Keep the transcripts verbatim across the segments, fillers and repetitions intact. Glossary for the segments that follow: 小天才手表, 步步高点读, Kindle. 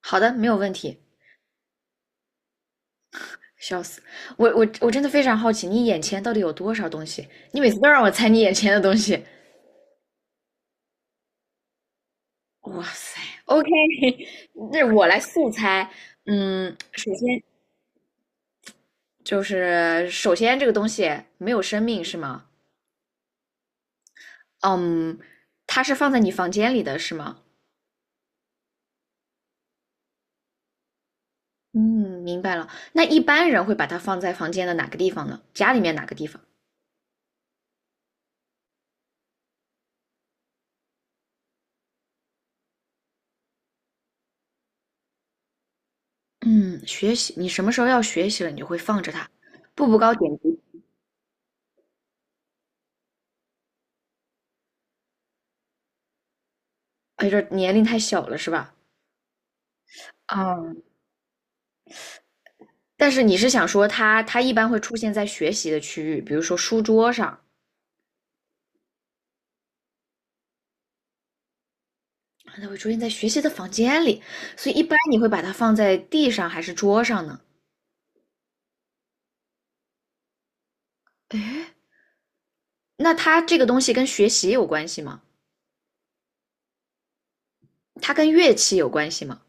好的，没有问题。笑死，我我我真的非常好奇，你眼前到底有多少东西？你每次都让我猜你眼前的东西。哇塞，OK，那我来速猜。嗯，首先就是首先这个东西没有生命是吗？嗯，它是放在你房间里的是吗？嗯，明白了。那一般人会把它放在房间的哪个地方呢？家里面哪个地方？嗯，学习，你什么时候要学习了，你就会放着它。步步高点读，哎，这年龄太小了是吧？嗯，但是你是想说它，它一般会出现在学习的区域，比如说书桌上，它会出现在学习的房间里，所以一般你会把它放在地上还是桌上呢？诶，那它这个东西跟学习有关系吗？它跟乐器有关系吗？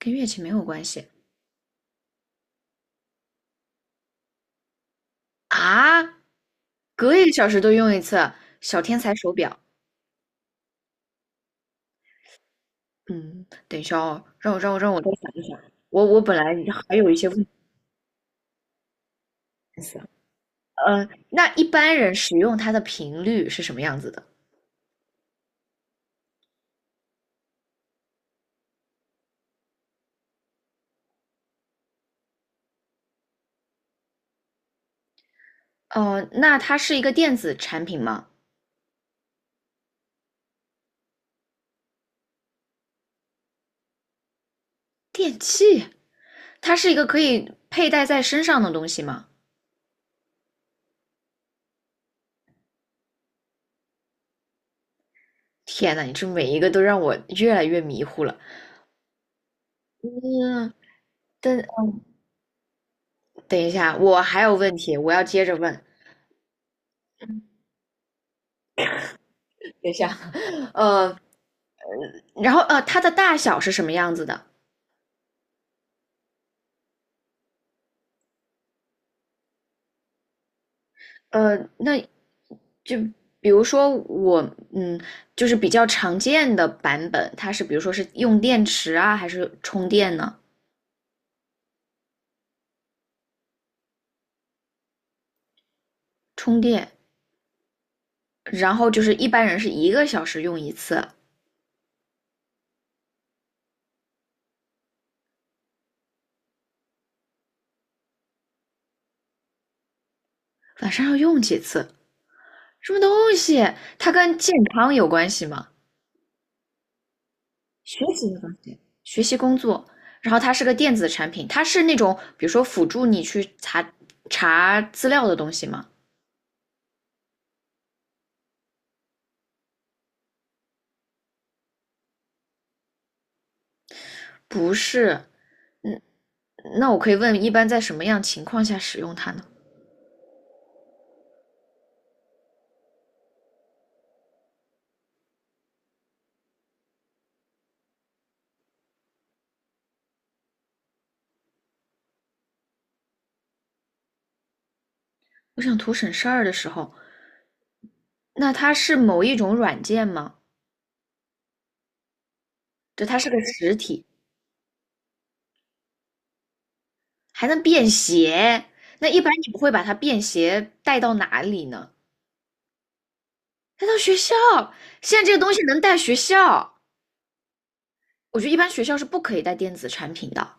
跟乐器没有关系啊，隔一个小时都用一次小天才手表。嗯，等一下哦，让我让我让我再想一想，我我本来还有一些问题。呃，那一般人使用它的频率是什么样子的？哦，那它是一个电子产品吗？电器，它是一个可以佩戴在身上的东西吗？天呐，你这每一个都让我越来越迷糊了。嗯，等等一下，我还有问题，我要接着问。等一下，呃，然后呃，它的大小是什么样子的？呃，那就比如说我，嗯，就是比较常见的版本，它是比如说是用电池啊，还是充电呢？充电，然后就是一般人是一个小时用一次，晚上要用几次？什么东西？它跟健康有关系吗？学习的东西，学习工作。然后它是个电子产品，它是那种比如说辅助你去查查资料的东西吗？不是。嗯，那我可以问，一般在什么样情况下使用它呢？我想图省事儿的时候，那它是某一种软件吗？就它是个实体。还能便携。那一般你不会把它便携带到哪里呢？带到学校。现在这个东西能带学校，我觉得一般学校是不可以带电子产品的。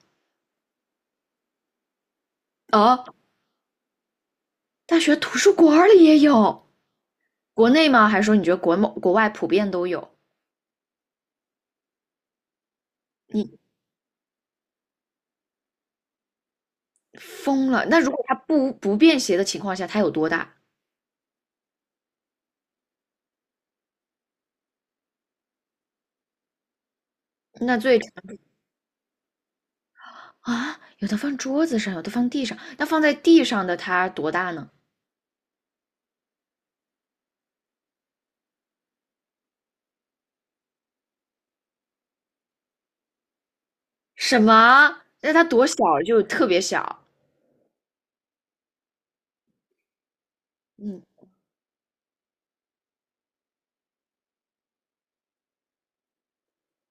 哦，大学图书馆里也有，国内吗？还是说你觉得国某国外普遍都有？你疯了？那如果它不不便携的情况下，它有多大？那最啊，有的放桌子上，有的放地上。那放在地上的它多大呢？什么？那它多小？就特别小。嗯，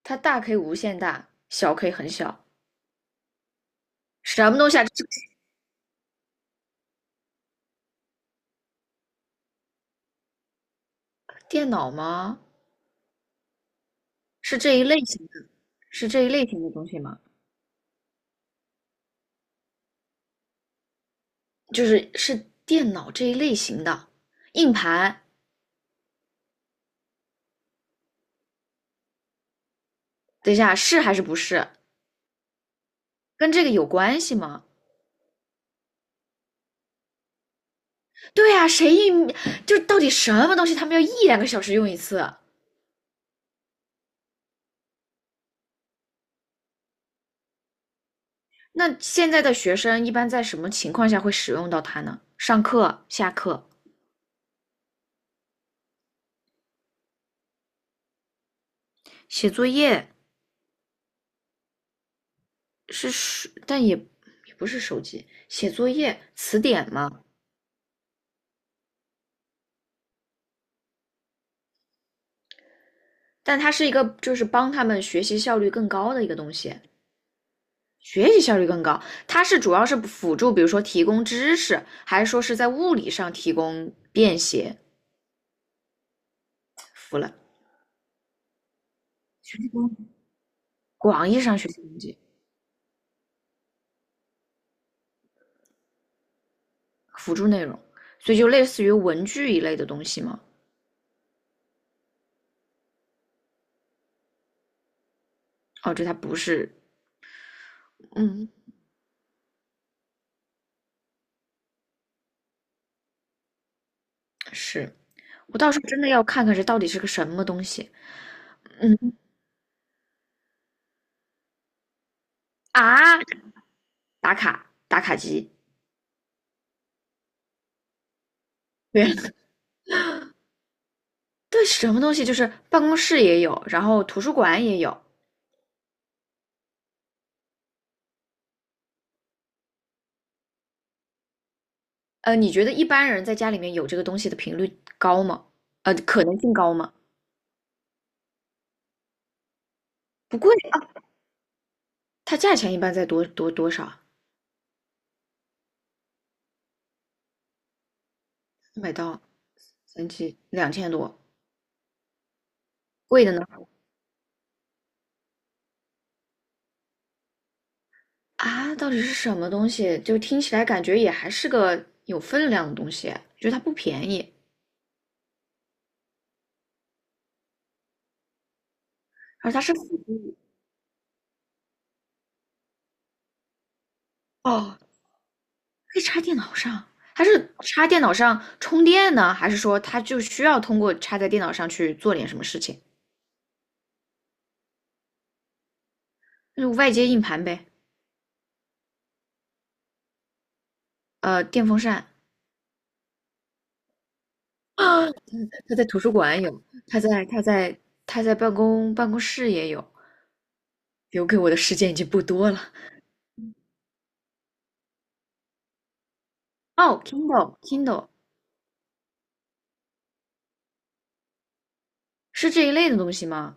它大可以无限大，小可以很小，什么东西啊？这电脑吗？是这一类型的，是这一类型的东西吗？就是是电脑这一类型的硬盘。等一下，是还是不是？跟这个有关系吗？对呀、谁硬就到底什么东西他们要一两个小时用一次？那现在的学生一般在什么情况下会使用到它呢？上课、下课、写作业是是，但也也不是手机，写作业、词典吗？但它是一个就是帮他们学习效率更高的一个东西，学习效率更高。它是主要是辅助，比如说提供知识，还是说是在物理上提供便携？服了，学习工具，广义上学习工具，辅助内容，所以就类似于文具一类的东西嘛。哦，这它不是，嗯，是我到时候真的要看看这到底是个什么东西。嗯啊，打卡打卡机，对 对，什么东西就是办公室也有，然后图书馆也有。呃，你觉得一般人在家里面有这个东西的频率高吗？呃，可能性高吗？不贵啊，它价钱一般在多多多少啊？一百到三七两千多，贵的呢？啊，到底是什么东西？就听起来感觉也还是个有分量的东西，觉得它不便宜，而它是辅助哦，可以插电脑上，它是插电脑上充电呢，还是说它就需要通过插在电脑上去做点什么事情？就是外接硬盘呗，呃，电风扇。他在图书馆有，他在他在他在办公办公室也有，留给我的时间已经不多了。哦，Kindle Kindle 是这一类的东西吗？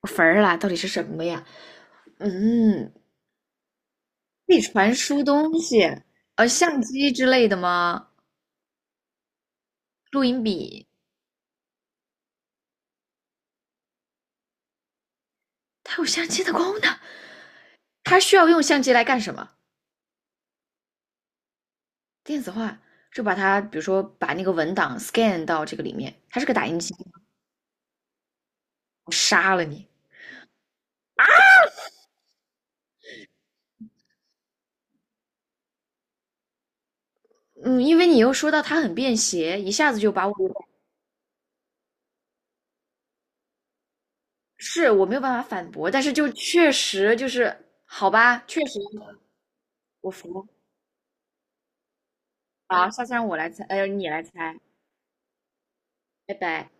我坟儿啦，到底是什么呀？嗯，可以传输东西，呃，相机之类的吗？录音笔，它有相机的功能，它需要用相机来干什么？电子化，就把它，比如说把那个文档 scan 到这个里面，它是个打印机，我杀了你。嗯，因为你又说到它很便携，一下子就把我是我没有办法反驳，但是就确实就是好吧，确实我服啊。下次让我来猜，哎、呃，你来猜，拜拜。